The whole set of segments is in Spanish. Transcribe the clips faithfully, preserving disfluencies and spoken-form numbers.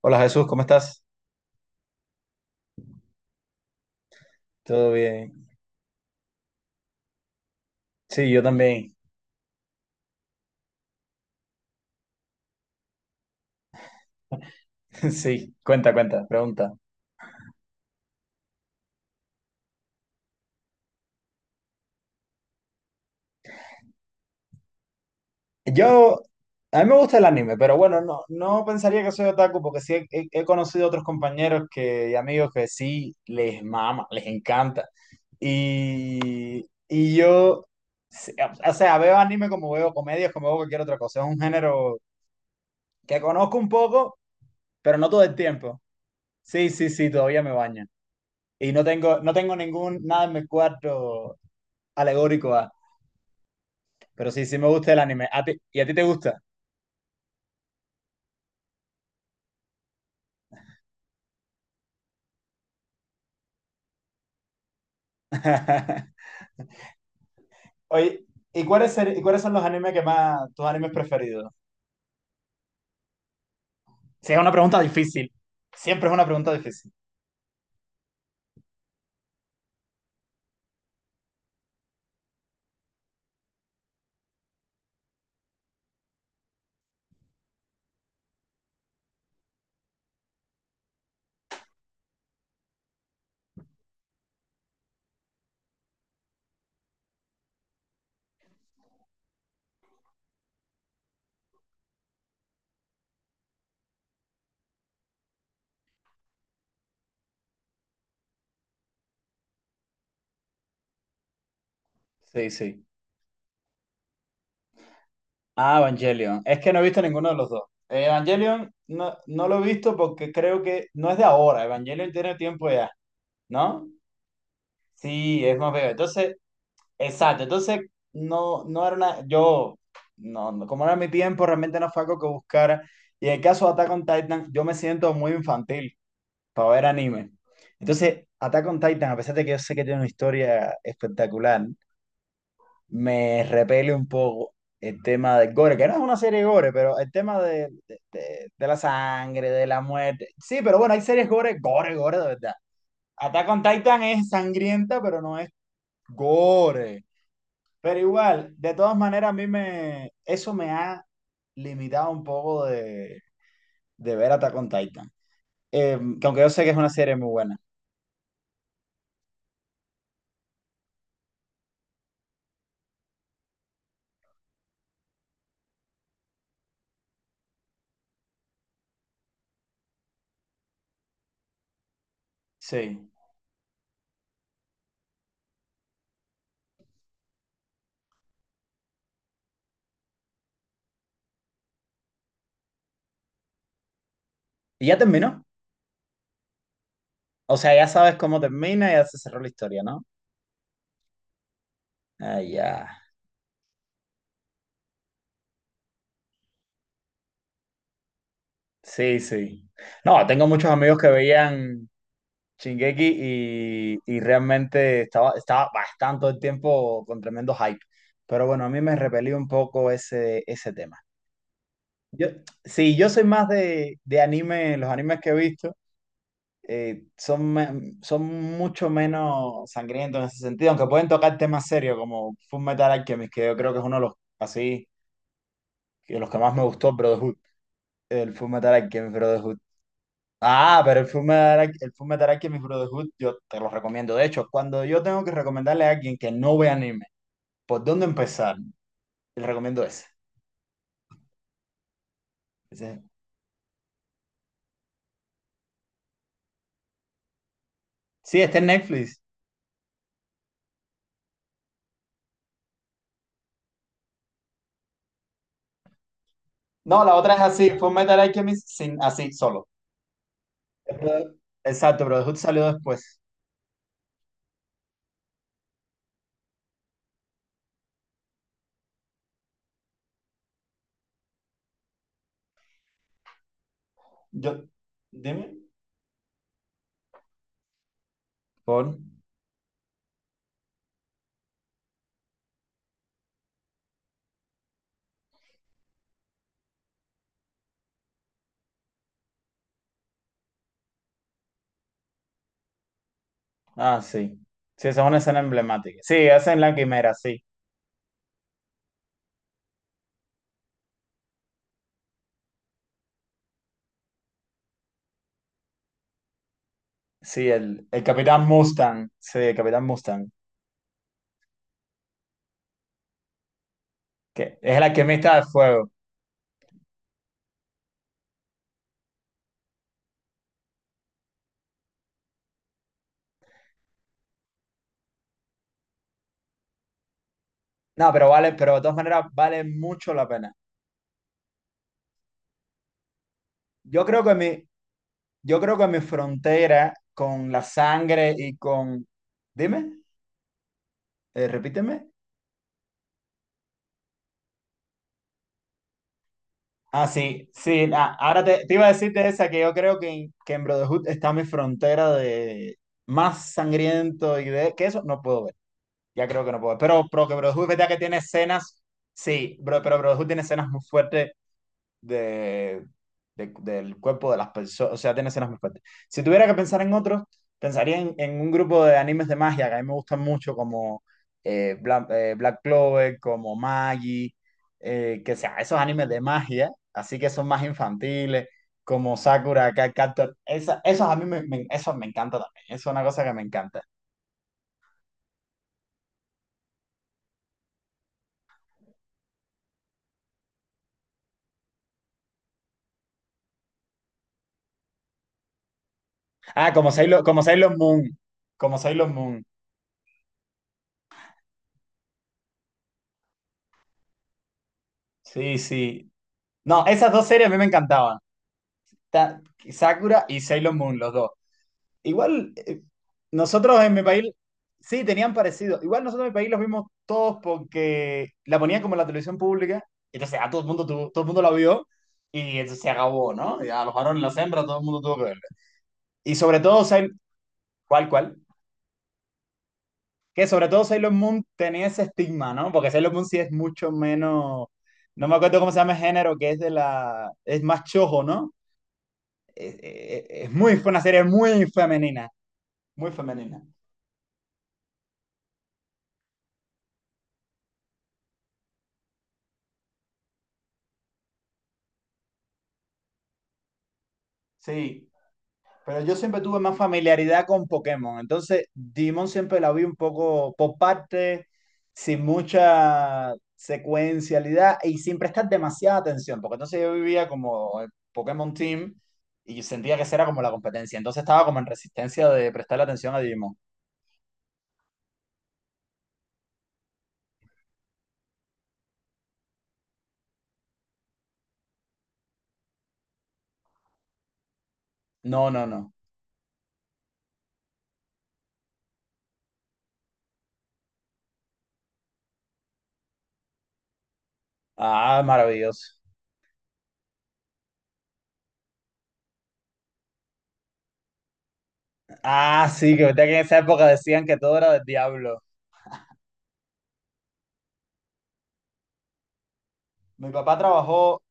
Hola Jesús, ¿cómo estás? ¿Todo bien? Sí, yo también. Sí, cuenta, cuenta, pregunta. Yo, a mí me gusta el anime, pero bueno, no, no pensaría que soy otaku porque sí he, he- he conocido otros compañeros que, y amigos que sí les mama, les encanta. Y, y yo, sí, o o sea, veo anime como veo comedias, como veo cualquier otra cosa. Es un género que conozco un poco, pero no todo el tiempo. Sí, sí, sí, todavía me baña. Y no tengo, no tengo ningún, nada en mi cuarto alegórico a. Pero sí, sí me gusta el anime. ¿A ti- ¿Y a ti te gusta? Oye, ¿y cuáles, ser- ¿y cuáles son los animes que más, tus animes preferidos? Sí, es una pregunta difícil. Siempre es una pregunta difícil. Sí, sí. Ah, Evangelion. Es que no he visto ninguno de los dos. Eh, Evangelion no, no lo he visto porque creo que no es de ahora. Evangelion tiene tiempo ya, ¿no? Sí, es más viejo. Entonces, exacto, entonces no, no era una, yo, no, no, como era mi tiempo, realmente no fue algo que buscara. Y en el caso de Attack on Titan, yo me siento muy infantil para ver anime. Entonces, Attack on Titan, a pesar de que yo sé que tiene una historia espectacular, me repele un poco el tema del gore, que no es una serie gore, pero el tema de, de, de- de la sangre, de la muerte. Sí, pero bueno, hay series gore, gore, gore, de verdad. Attack on Titan es sangrienta, pero no es gore. Pero igual, de todas maneras, a mí me, eso me ha limitado un poco de, de ver Attack on Titan. Eh, que aunque yo sé que es una serie muy buena. Sí. Y ya terminó. O sea, ya sabes cómo termina, ya se cerró la historia, ¿no? Ah, ya. Sí, sí. No, tengo muchos amigos que veían Shingeki y, y realmente estaba, estaba bastante el tiempo con tremendo hype. Pero bueno, a mí me repelió un poco ese, ese tema. Yo, sí, yo soy más de, de anime, los animes que he visto eh, son, me- son mucho menos sangrientos en ese sentido, aunque pueden tocar temas serios como Fullmetal Alchemist, que yo creo que es uno de los, así, de los que más me gustó, Brotherhood, el Fullmetal Alchemist Brotherhood. Ah, pero el Fullmetal, Al- el Fullmetal Alchemist Brotherhood yo te lo recomiendo. De hecho, cuando yo tengo que recomendarle a alguien que no ve anime, ¿por dónde empezar? Le recomiendo ese. Ese- Sí, está en Netflix. No, la otra es así, Fullmetal Alchemist sin, así, solo. Pero- Exacto, pero Hood salió después. Yo, dime. Por... Ah, sí. Sí, esa es una escena emblemática. Sí, esa en la quimera, sí. Sí, el, el Capitán Mustang. Sí, el Capitán Mustang. Que es el alquimista de fuego. No, pero vale, pero de todas maneras vale mucho la pena. Yo creo que mi, yo creo que mi frontera con la sangre y con. Dime, eh, repíteme. Ah, sí, sí, la- ahora te, te iba a decir de esa que yo creo que, en- que en Brotherhood está mi frontera de más sangriento y de que eso no puedo ver, ya creo que no puedo ver, pero, pero que Brotherhood es verdad que tiene escenas, sí, bro, pero Brotherhood tiene escenas muy fuertes de, de- del cuerpo de las personas, o sea, tiene escenas muy fuertes. Si tuviera que pensar en otros, pensaría en, en un grupo de animes de magia que a mí me gustan mucho, como eh, Bla- eh, Black Clover, como Magi, eh, que sea, esos animes de magia, así que son más infantiles, como Sakura, Card Captor, esa- esos a mí me, me, esos me encanta también, eso es una cosa que me encanta. Ah, como Sailor, como Sailor Moon, como Sailor Moon, sí, sí. No, esas dos series a mí me encantaban. Ta- Sakura y Sailor Moon, los dos. Igual, eh, nosotros en mi país, sí, tenían parecido. Igual nosotros en mi país los vimos todos porque la ponían como en la televisión pública. Entonces a todo el mundo, tuvo- todo el mundo la vio y entonces se acabó, ¿no? Y a los varones, las hembras, todo el mundo tuvo que verla. Y sobre todo, Sailor, ¿cuál, cuál? Que sobre todo Sailor Moon tenía ese estigma, ¿no? Porque Sailor Moon sí es mucho menos, no me acuerdo cómo se llama el género, que es de la, es más chojo, ¿no? Es, es, es muy, fue una serie muy femenina. Muy femenina. Sí, pero yo siempre tuve más familiaridad con Pokémon. Entonces, Digimon siempre la vi un poco por parte, sin mucha secuencialidad y sin prestar demasiada atención, porque entonces yo vivía como el Pokémon Team y sentía que esa era como la competencia. Entonces estaba como en resistencia de prestarle atención a Digimon. No, no, no. Ah, maravilloso. Ah, sí, que verdad que en esa época decían que todo era del diablo. Mi papá trabajó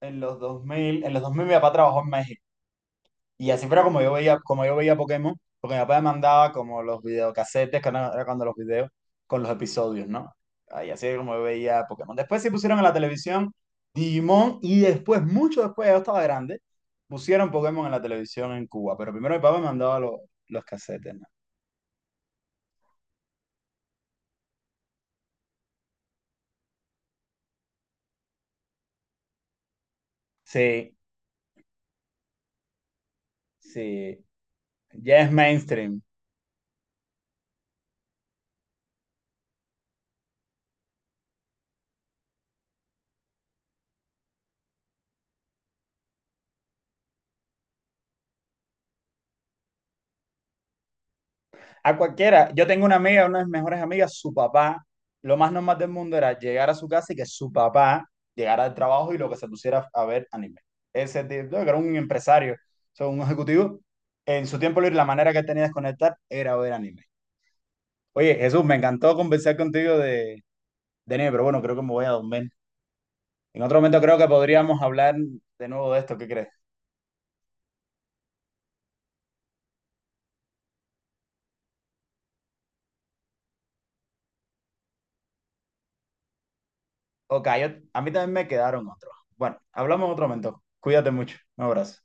en los dos mil en los dos mil mi papá trabajó en México. Y así fuera como yo veía, como yo veía Pokémon, porque mi papá me mandaba como los videocasetes, que no era cuando los videos, con los episodios, ¿no? Y así era como yo veía Pokémon. Después sí pusieron en la televisión Digimon y después, mucho después, yo estaba grande, pusieron Pokémon en la televisión en Cuba, pero primero mi papá me mandaba los, los casetes, ¿no? Sí, sí, ya es mainstream. A cualquiera. Yo tengo una amiga, una de mis mejores amigas, su papá, lo más normal del mundo era llegar a su casa y que su papá llegara al trabajo y lo que se pusiera a ver anime. Ese tipo, que era un empresario, o sea, un ejecutivo, en su tiempo libre la manera que tenía de desconectar era ver anime. Oye, Jesús, me encantó conversar contigo de, de anime, pero bueno, creo que me voy a dormir. En otro momento creo que podríamos hablar de nuevo de esto, ¿qué crees? Ok, yo- a mí también me quedaron otros. Bueno, hablamos en otro momento. Cuídate mucho. Un abrazo.